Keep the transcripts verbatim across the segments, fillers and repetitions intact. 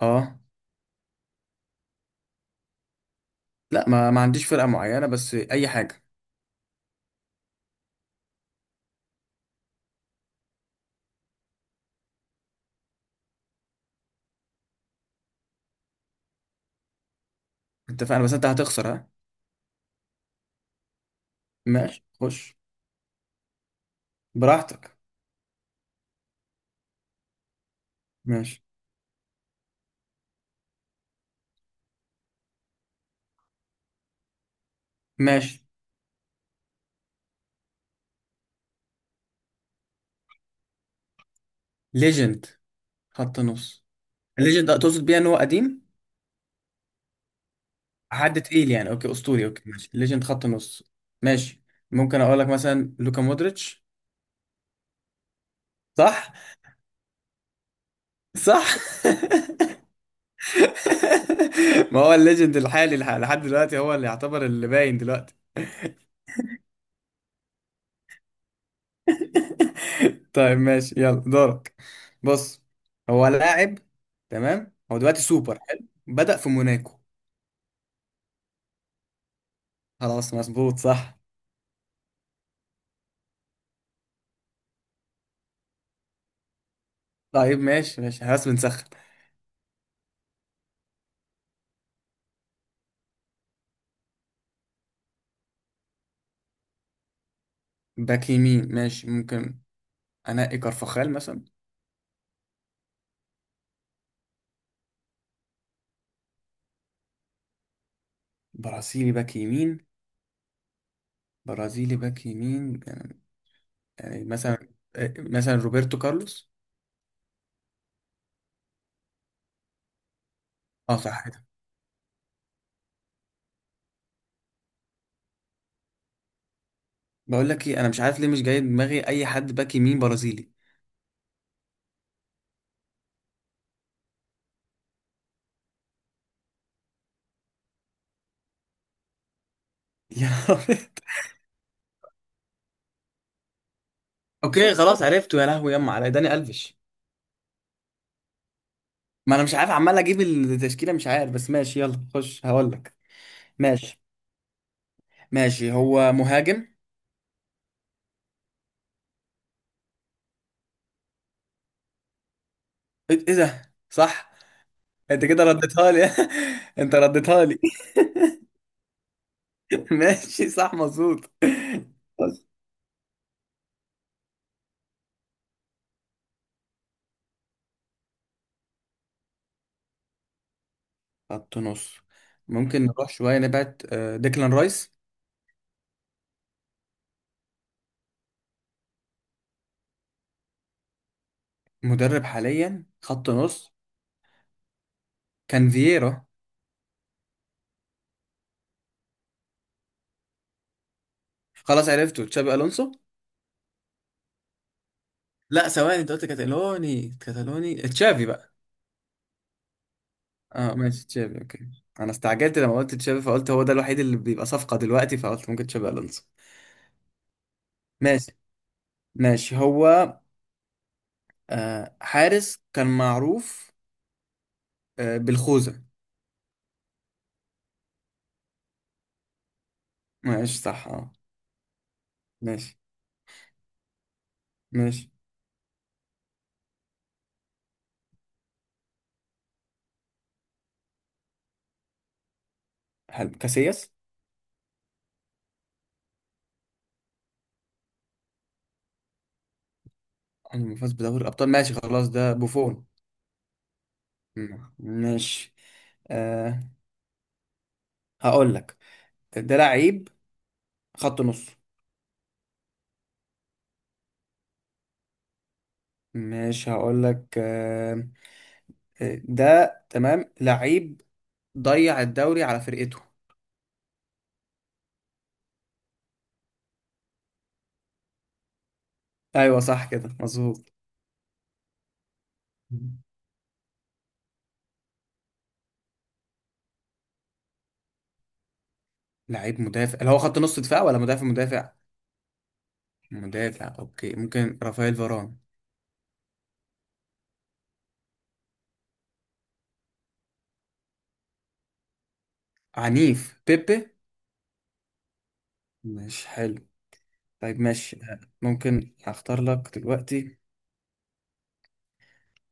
اه، لا، ما, ما عنديش فرقة معينة بس أي حاجة. اتفقنا بس أنت هتخسر، ها. ماشي خش. براحتك. ماشي ماشي ليجند خط نص. الليجند ده تقصد بيها إن هو قديم؟ حد تقيل يعني، أوكي أسطوري، أوكي ماشي ليجند خط نص. ماشي، ممكن أقول لك مثلا لوكا مودريتش. صح. صح. ما هو الليجند الحالي لح- لحد دلوقتي هو اللي يعتبر اللي باين دلوقتي. طيب ماشي يلا دورك. بص، هو لاعب. تمام، هو دلوقتي سوبر حلو. بدأ في موناكو. خلاص مظبوط صح. طيب ماشي ماشي خلاص بنسخن. باك يمين ماشي ممكن. أنقي كارفاخال مثلا. برازيلي باك يمين. برازيلي باك يمين. يعني مثلا، مثلا روبرتو كارلوس. اه صح كده. بقول لك ايه، انا مش عارف ليه مش جاي دماغي اي حد باك يمين برازيلي. يا رب. اوكي خلاص عرفته، يا لهوي يما، على داني الفيش. ما انا مش عارف، عمال اجيب التشكيله مش عارف، بس ماشي يلا خش هقول لك. ماشي. ماشي هو مهاجم. ايه، إيه ده صح. انت كده رديتها لي. انت رديتها لي. ماشي صح مظبوط. بس. خط نص. ممكن نروح شويه نبعد، آه، ديكلان رايس. مدرب حاليا خط نص. كان فييرا. خلاص عرفته تشابي الونسو. لا ثواني، انت قلت كاتالوني، كاتالوني تشافي بقى. اه ماشي تشافي اوكي. انا استعجلت لما قلت تشافي، فقلت هو ده الوحيد اللي بيبقى صفقة دلوقتي، فقلت ممكن تشافي الونسو. ماشي. ماشي هو، آه حارس كان معروف، آه بالخوذة. ماشي صح اه. ماشي. ماشي حلو كاسياس. عمره ما فاز بدوري الابطال ماشي خلاص ده بوفون. مم، ماشي. آه، هقول لك، ده لعيب خط نص. ماشي هقول لك آه. آه، ده تمام لعيب، ضيع الدوري على فرقته. ايوه صح كده مظبوط. لعيب مدافع، اللي هو خط نص دفاع ولا مدافع مدافع؟ مدافع اوكي، ممكن رافائيل فاران. عنيف بيبي. مش حلو. طيب ماشي، آه، ممكن اختار لك دلوقتي.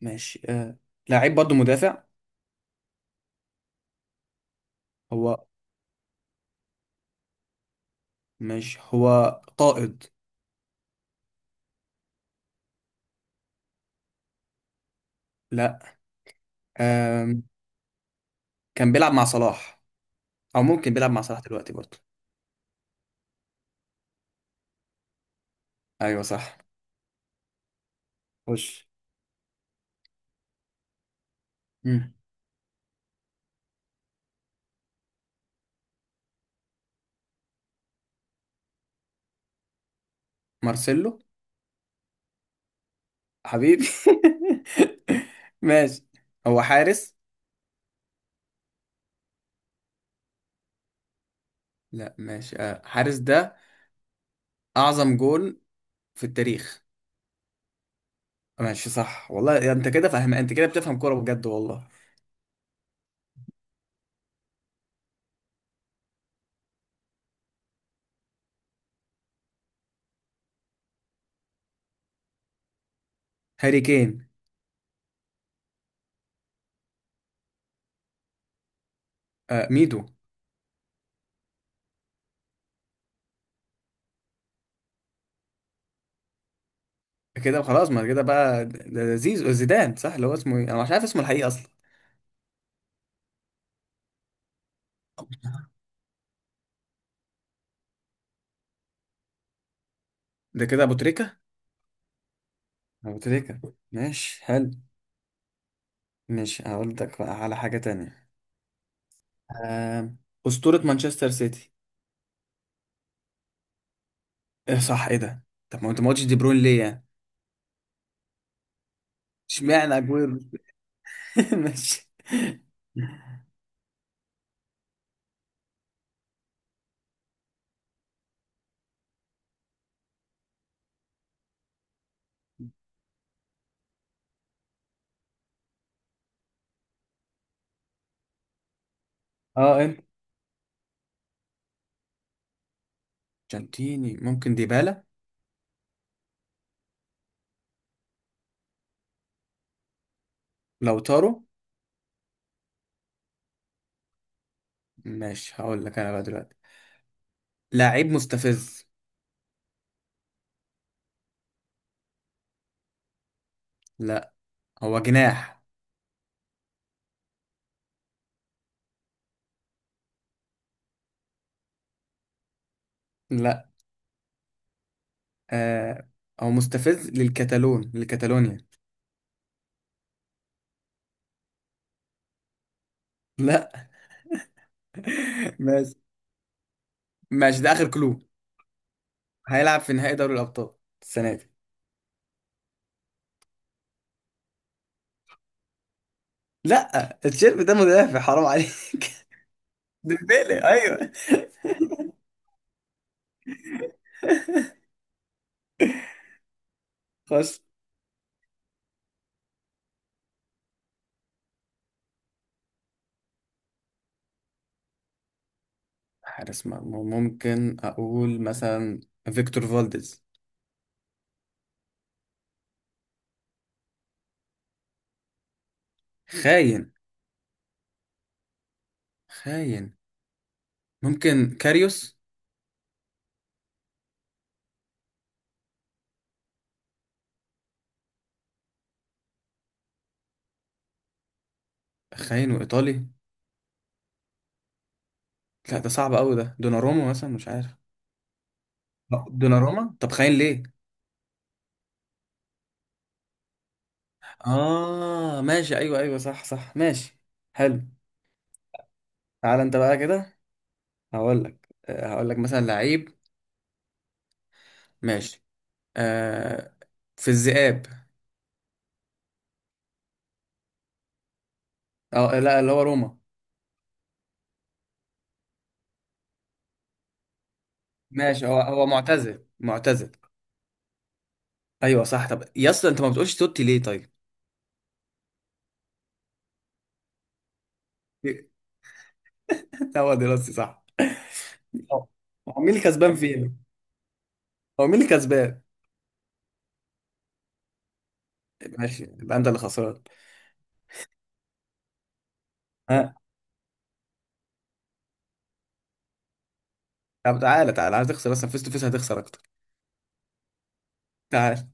ماشي آه. لعيب برضو مدافع. هو، مش هو قائد؟ لا. آم. كان بيلعب مع صلاح، او ممكن بيلعب مع صلاح دلوقتي برضو. ايوه صح. خش. مم. مارسيلو. حبيبي. ماشي. هو حارس. لا ماشي، آه، حارس ده اعظم جول في التاريخ. ماشي صح والله، يا انت كده فاهم، انت كده بتفهم كوره بجد والله. هاري كين. آه ميدو. كده خلاص، ما كده بقى ده، ده زيزو زيدان صح، اللي هو اسمه ايه، انا مش عارف اسمه الحقيقي اصلا. ده كده ابو تريكه. ابو تريكه. ماشي حلو. ماشي هقول لك بقى على حاجه تانية. آه، اسطوره مانشستر سيتي. ايه صح، ايه ده؟ طب ما انت ما قلتش دي بروين ليه يعني؟ اشمعنى اجويرو؟ ماشي. اه انت، جانتيني ممكن ديبالا. لو طاروا. ماشي هقول لك انا بقى دلوقتي. لعيب مستفز. لا. هو جناح. لا. آه، هو مستفز للكتالون، لكتالونيا. لا. ماشي. ماشي ده اخر كلو. هيلعب في نهائي دوري الابطال السنه دي. لا الشيرب ده مدافع، حرام عليك. ديمبلي ايوه. خش. حارس مرمى، ممكن اقول مثلا فيكتور فالديز. خاين. خاين. ممكن كاريوس. خاين وايطالي؟ لا ده صعب قوي، ده دوناروما مثلا مش عارف. دوناروما، طب خاين ليه؟ اه ماشي، ايوه ايوه صح صح ماشي. حلو. تعالى انت بقى كده. هقول لك آه، هقول لك مثلا لعيب. ماشي. آه، في الذئاب. اه لا اللي هو روما. ماشي هو، هو معتزل معتزل. ايوه صح. طب يا اسطى انت ما بتقولش توتي ليه طيب؟ هو دراستي صح. هو، هو مين اللي كسبان فينا؟ هو مين اللي كسبان؟ ماشي، يبقى انت اللي خسران. ها طب تعالى، تعالى هتخسر اصلا، فيس تو فيس هتخسر اكتر. تعال